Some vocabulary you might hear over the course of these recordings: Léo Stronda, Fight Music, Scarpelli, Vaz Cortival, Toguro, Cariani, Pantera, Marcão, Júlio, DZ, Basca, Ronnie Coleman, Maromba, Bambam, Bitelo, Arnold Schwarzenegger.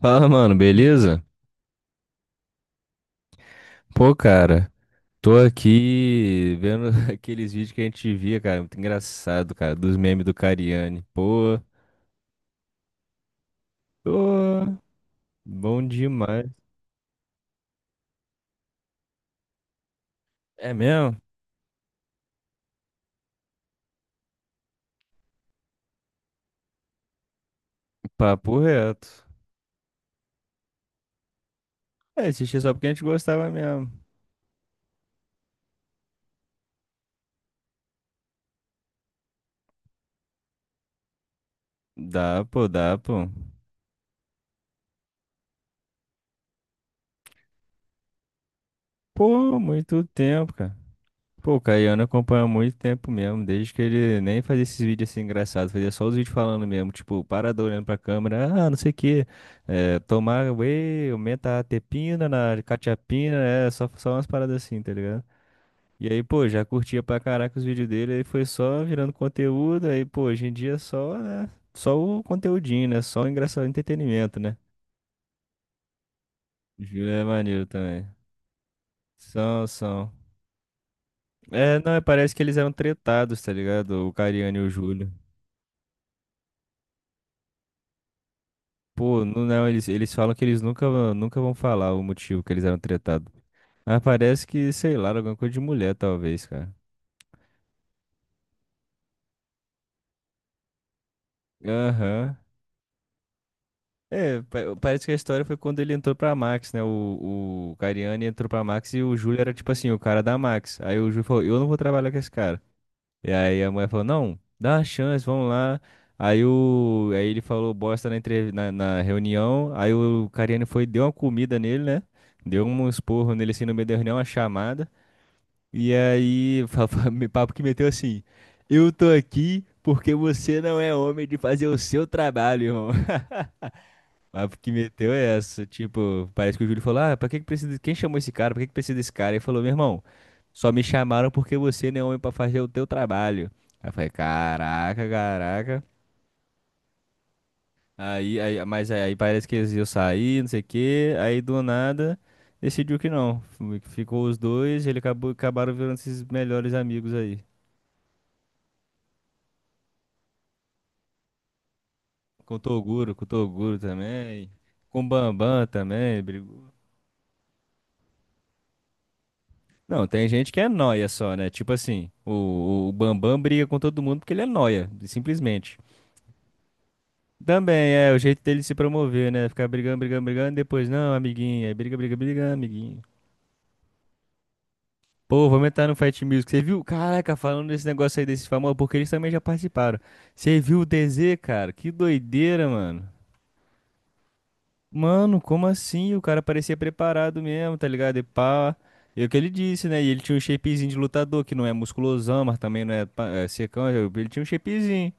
Fala, mano, beleza? Pô, cara, tô aqui vendo aqueles vídeos que a gente via, cara, muito engraçado, cara, dos memes do Cariani. Pô, tô bom demais. É mesmo? Papo reto. É, assistia só porque a gente gostava mesmo. Dá, pô, dá, pô. Pô, muito tempo, cara. Pô, o Caiano acompanha há muito tempo mesmo, desde que ele nem fazia esses vídeos assim engraçados, fazia só os vídeos falando mesmo, tipo, parado olhando pra câmera, ah, não sei o quê, é, tomar whey, aumenta a tepina na catiapina, é, só umas paradas assim, tá ligado? E aí, pô, já curtia pra caraca os vídeos dele, aí foi só virando conteúdo, aí, pô, hoje em dia é só, né, só o conteúdinho, né, só o engraçado, entretenimento, né? Júlio é maneiro também. São, são. É, não, é, parece que eles eram tretados, tá ligado? O Cariano e o Júlio. Pô, não, não, eles falam que eles nunca, nunca vão falar o motivo que eles eram tretados. Mas parece que, sei lá, era alguma coisa de mulher, talvez, cara. Aham. É, parece que a história foi quando ele entrou pra Max, né? O Cariani entrou pra Max e o Júlio era, tipo assim, o cara da Max. Aí o Júlio falou, eu não vou trabalhar com esse cara. E aí a mulher falou, não, dá uma chance, vamos lá. Aí ele falou bosta na, na reunião. Aí o Cariani foi, e deu uma comida nele, né? Deu um esporro nele assim no meio da reunião, uma chamada. E aí, papo que meteu assim: Eu tô aqui porque você não é homem de fazer o seu trabalho, irmão. Papo que meteu é essa. Tipo, parece que o Júlio falou: Ah, pra que que precisa. Quem chamou esse cara? Pra que que precisa desse cara? Ele falou: Meu irmão, só me chamaram porque você não é homem pra fazer o teu trabalho. Aí eu falei: Caraca, caraca. Aí, parece que eles iam sair, não sei o quê. Aí do nada. Decidiu que não. Ficou os dois, ele acabou, acabaram virando esses melhores amigos aí. Com o Toguro também. Com o Bambam também. Brigou. Não, tem gente que é nóia só, né? Tipo assim, o Bambam briga com todo mundo porque ele é nóia, simplesmente. Também é o jeito dele se promover, né? Ficar brigando, brigando, brigando, depois, não, amiguinho. Aí briga, briga, briga, amiguinho. Pô, vou entrar no Fight Music. Você viu? Caraca, falando desse negócio aí desse famoso, porque eles também já participaram. Você viu o DZ, cara? Que doideira, mano. Mano, como assim? O cara parecia preparado mesmo, tá ligado? E pá. E é o que ele disse, né? E ele tinha um shapezinho de lutador, que não é musculosão, mas também não é, é secão. Ele tinha um shapezinho.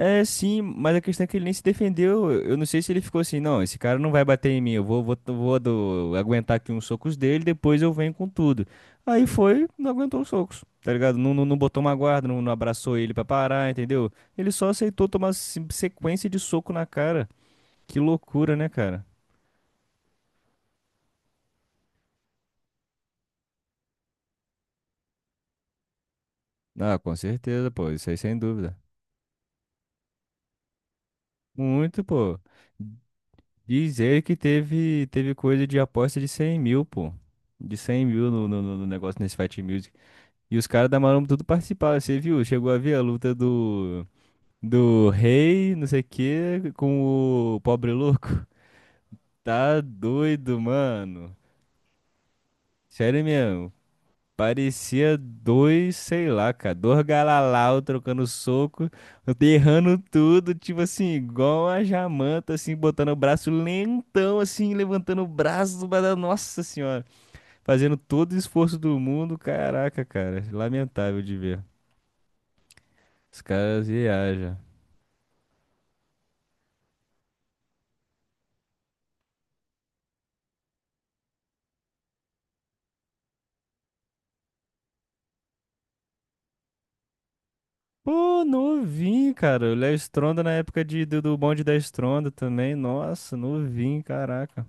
É, sim, mas a questão é que ele nem se defendeu. Eu não sei se ele ficou assim, não, esse cara não vai bater em mim. Eu vou aguentar aqui uns socos dele, depois eu venho com tudo. Aí foi, não aguentou os socos, tá ligado? Não, não, não botou uma guarda, não, não abraçou ele pra parar, entendeu? Ele só aceitou tomar sequência de soco na cara. Que loucura, né, cara? Ah, com certeza, pô, isso aí sem dúvida. Muito, pô. Diz ele que teve coisa de aposta de 100 mil, pô. De 100 mil no negócio nesse Fight Music. E os caras da Maromba tudo participaram, você viu? Chegou a ver a luta do rei, não sei o quê, com o pobre louco. Tá doido, mano. Sério mesmo. Parecia dois, sei lá, cara, dois galalau trocando soco, derrando tudo, tipo assim, igual a jamanta, assim, botando o braço lentão, assim, levantando o braço, mas, nossa senhora, fazendo todo o esforço do mundo, caraca, cara, lamentável de ver. Os caras viajam. Pô, novinho, cara, o Léo Stronda na época do bonde da Stronda também, nossa, novinho, caraca.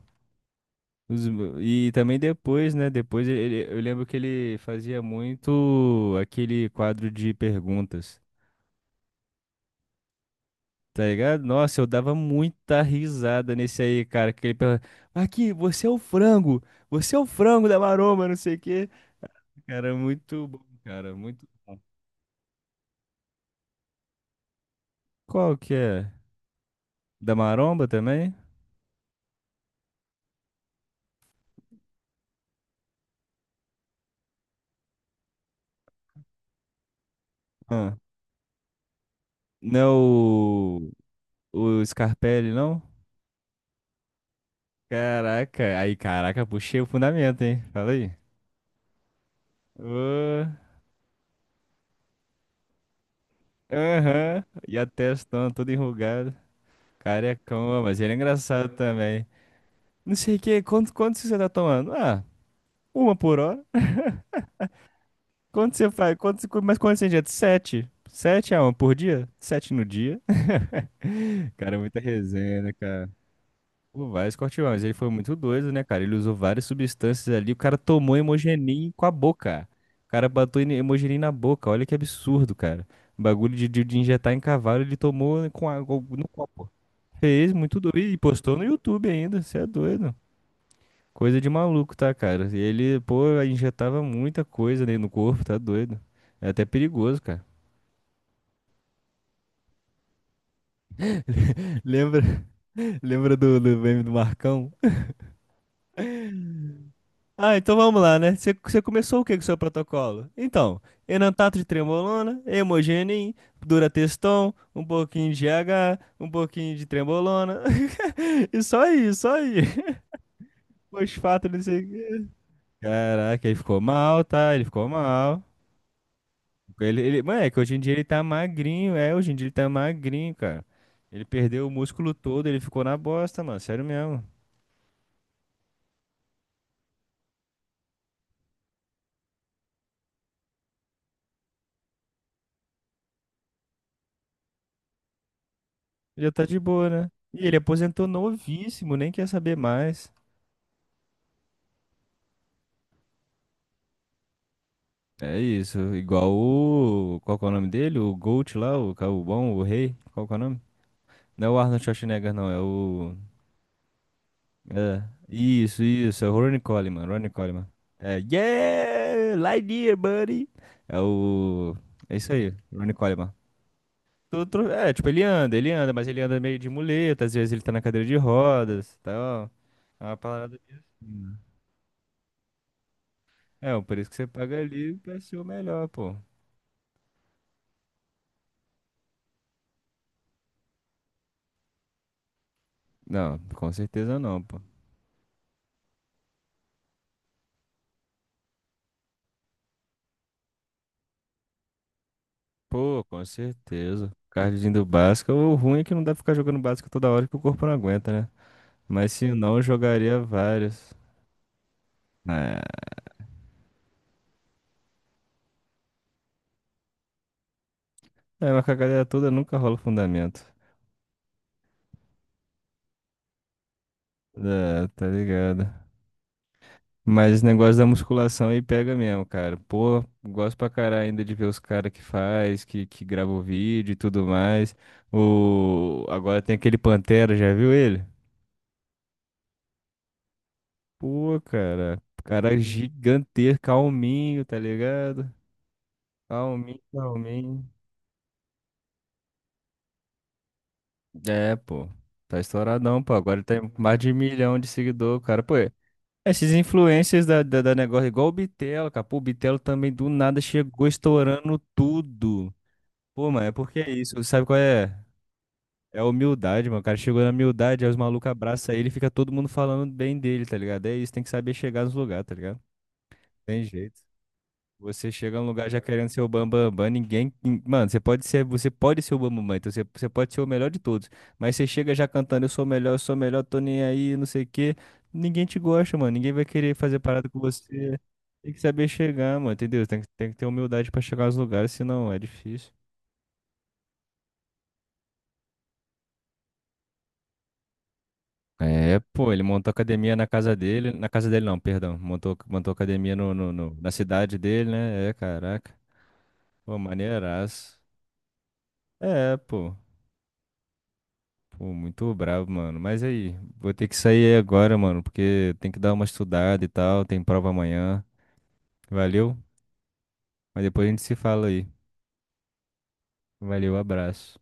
Os- E também depois, né? Depois ele, eu lembro que ele fazia muito aquele quadro de perguntas, tá ligado? Nossa, eu dava muita risada nesse aí, cara. Que ele perguntava, aqui, você é o frango, você é o frango da maromba, não sei o quê. Cara, muito bom, cara, muito bom. Qual que é? Da maromba também? Ah, não é o Scarpelli, não? Caraca, aí, caraca, puxei o fundamento, hein? Fala aí. Ô. Aham, e a testona toda enrugada. Carecão, ó, mas ele é engraçado também. Não sei o que, quanto você tá tomando? Ah, uma por hora. Quanto você faz? Quanto, mas quanto você injeta? Sete. Sete a uma por dia? Sete no dia. Cara, é muita resenha, né, cara? O Vaz Cortival, mas ele foi muito doido, né, cara? Ele usou várias substâncias ali. O cara tomou hemogenin com a boca. O cara botou hemogenin na boca. Olha que absurdo, cara. O bagulho de injetar em cavalo, ele tomou no copo. Fez muito doido e postou no YouTube ainda, você é doido. Coisa de maluco, tá, cara? E ele, pô, injetava muita coisa ali no corpo, tá doido. É até perigoso, cara. Lembra, lembra do meme do Marcão? Ah, então vamos lá, né? Você começou o que com o seu protocolo? Então, enantato de trembolona, hemogenin, durateston, um pouquinho de H, um pouquinho de trembolona. E só aí, só aí. Fosfato, não sei. Caraca, ele ficou mal, tá? Ele ficou mal. Ele, mano, é que hoje em dia ele tá magrinho, hoje em dia ele tá magrinho, cara. Ele perdeu o músculo todo, ele ficou na bosta, mano, sério mesmo. Ele já tá de boa, né? E ele aposentou novíssimo, nem quer saber mais. É isso, igual o... Qual que é o nome dele? O Gold lá, o bom, o rei, qual que é o nome? Não é o Arnold Schwarzenegger, não, é o... É, isso, é o Ronnie Coleman, Ronnie Coleman. É, yeah, lie dear buddy. É o, é isso aí, Ronnie Coleman. É, tipo, ele anda, mas ele anda meio de muleta, às vezes ele tá na cadeira de rodas, e tal. É uma parada meio assim, né? É, o preço que você paga ali vai ser o melhor, pô. Não, com certeza não, pô. Pô, com certeza. Cardzinho do Basca, o ruim é que não dá pra ficar jogando Basca toda hora que o corpo não aguenta, né? Mas se não, eu jogaria vários. É. É, mas com a galera toda nunca rola fundamento. É, tá ligado? Mas esse negócio da musculação aí pega mesmo, cara. Pô, gosto pra caralho ainda de ver os caras que faz, que grava o vídeo e tudo mais. O... Agora tem aquele Pantera, já viu ele? Pô, cara. Cara gigantesco, calminho, tá ligado? Calminho, calminho. É, pô. Tá estouradão, pô. Agora ele tem mais de 1 milhão de seguidor, cara. Pô, esses influencers da negócio, igual o Bitelo, capô, o Bitelo também do nada chegou estourando tudo. Pô, mano, é porque é isso, sabe qual é? É a humildade, mano. O cara chegou na humildade, aí os malucos abraçam ele e fica todo mundo falando bem dele, tá ligado? É isso, tem que saber chegar nos lugares, tá ligado? Tem jeito. Você chega num lugar já querendo ser o bambambam, bam, bam, bam, ninguém. Mano, você pode ser o bambambam, bam, bam, então você pode ser o melhor de todos. Mas você chega já cantando, eu sou o melhor, eu sou o melhor, tô nem aí, não sei o quê. Ninguém te gosta, mano. Ninguém vai querer fazer parada com você. Tem que saber chegar, mano, entendeu? Tem que ter humildade pra chegar aos lugares, senão é difícil. É, pô, ele montou academia na casa dele. Na casa dele, não, perdão. Montou academia na cidade dele, né? É, caraca. Pô, maneiraço. É, pô. Pô, muito bravo, mano. Mas aí, vou ter que sair agora, mano, porque tem que dar uma estudada e tal, tem prova amanhã. Valeu? Mas depois a gente se fala aí. Valeu, abraço.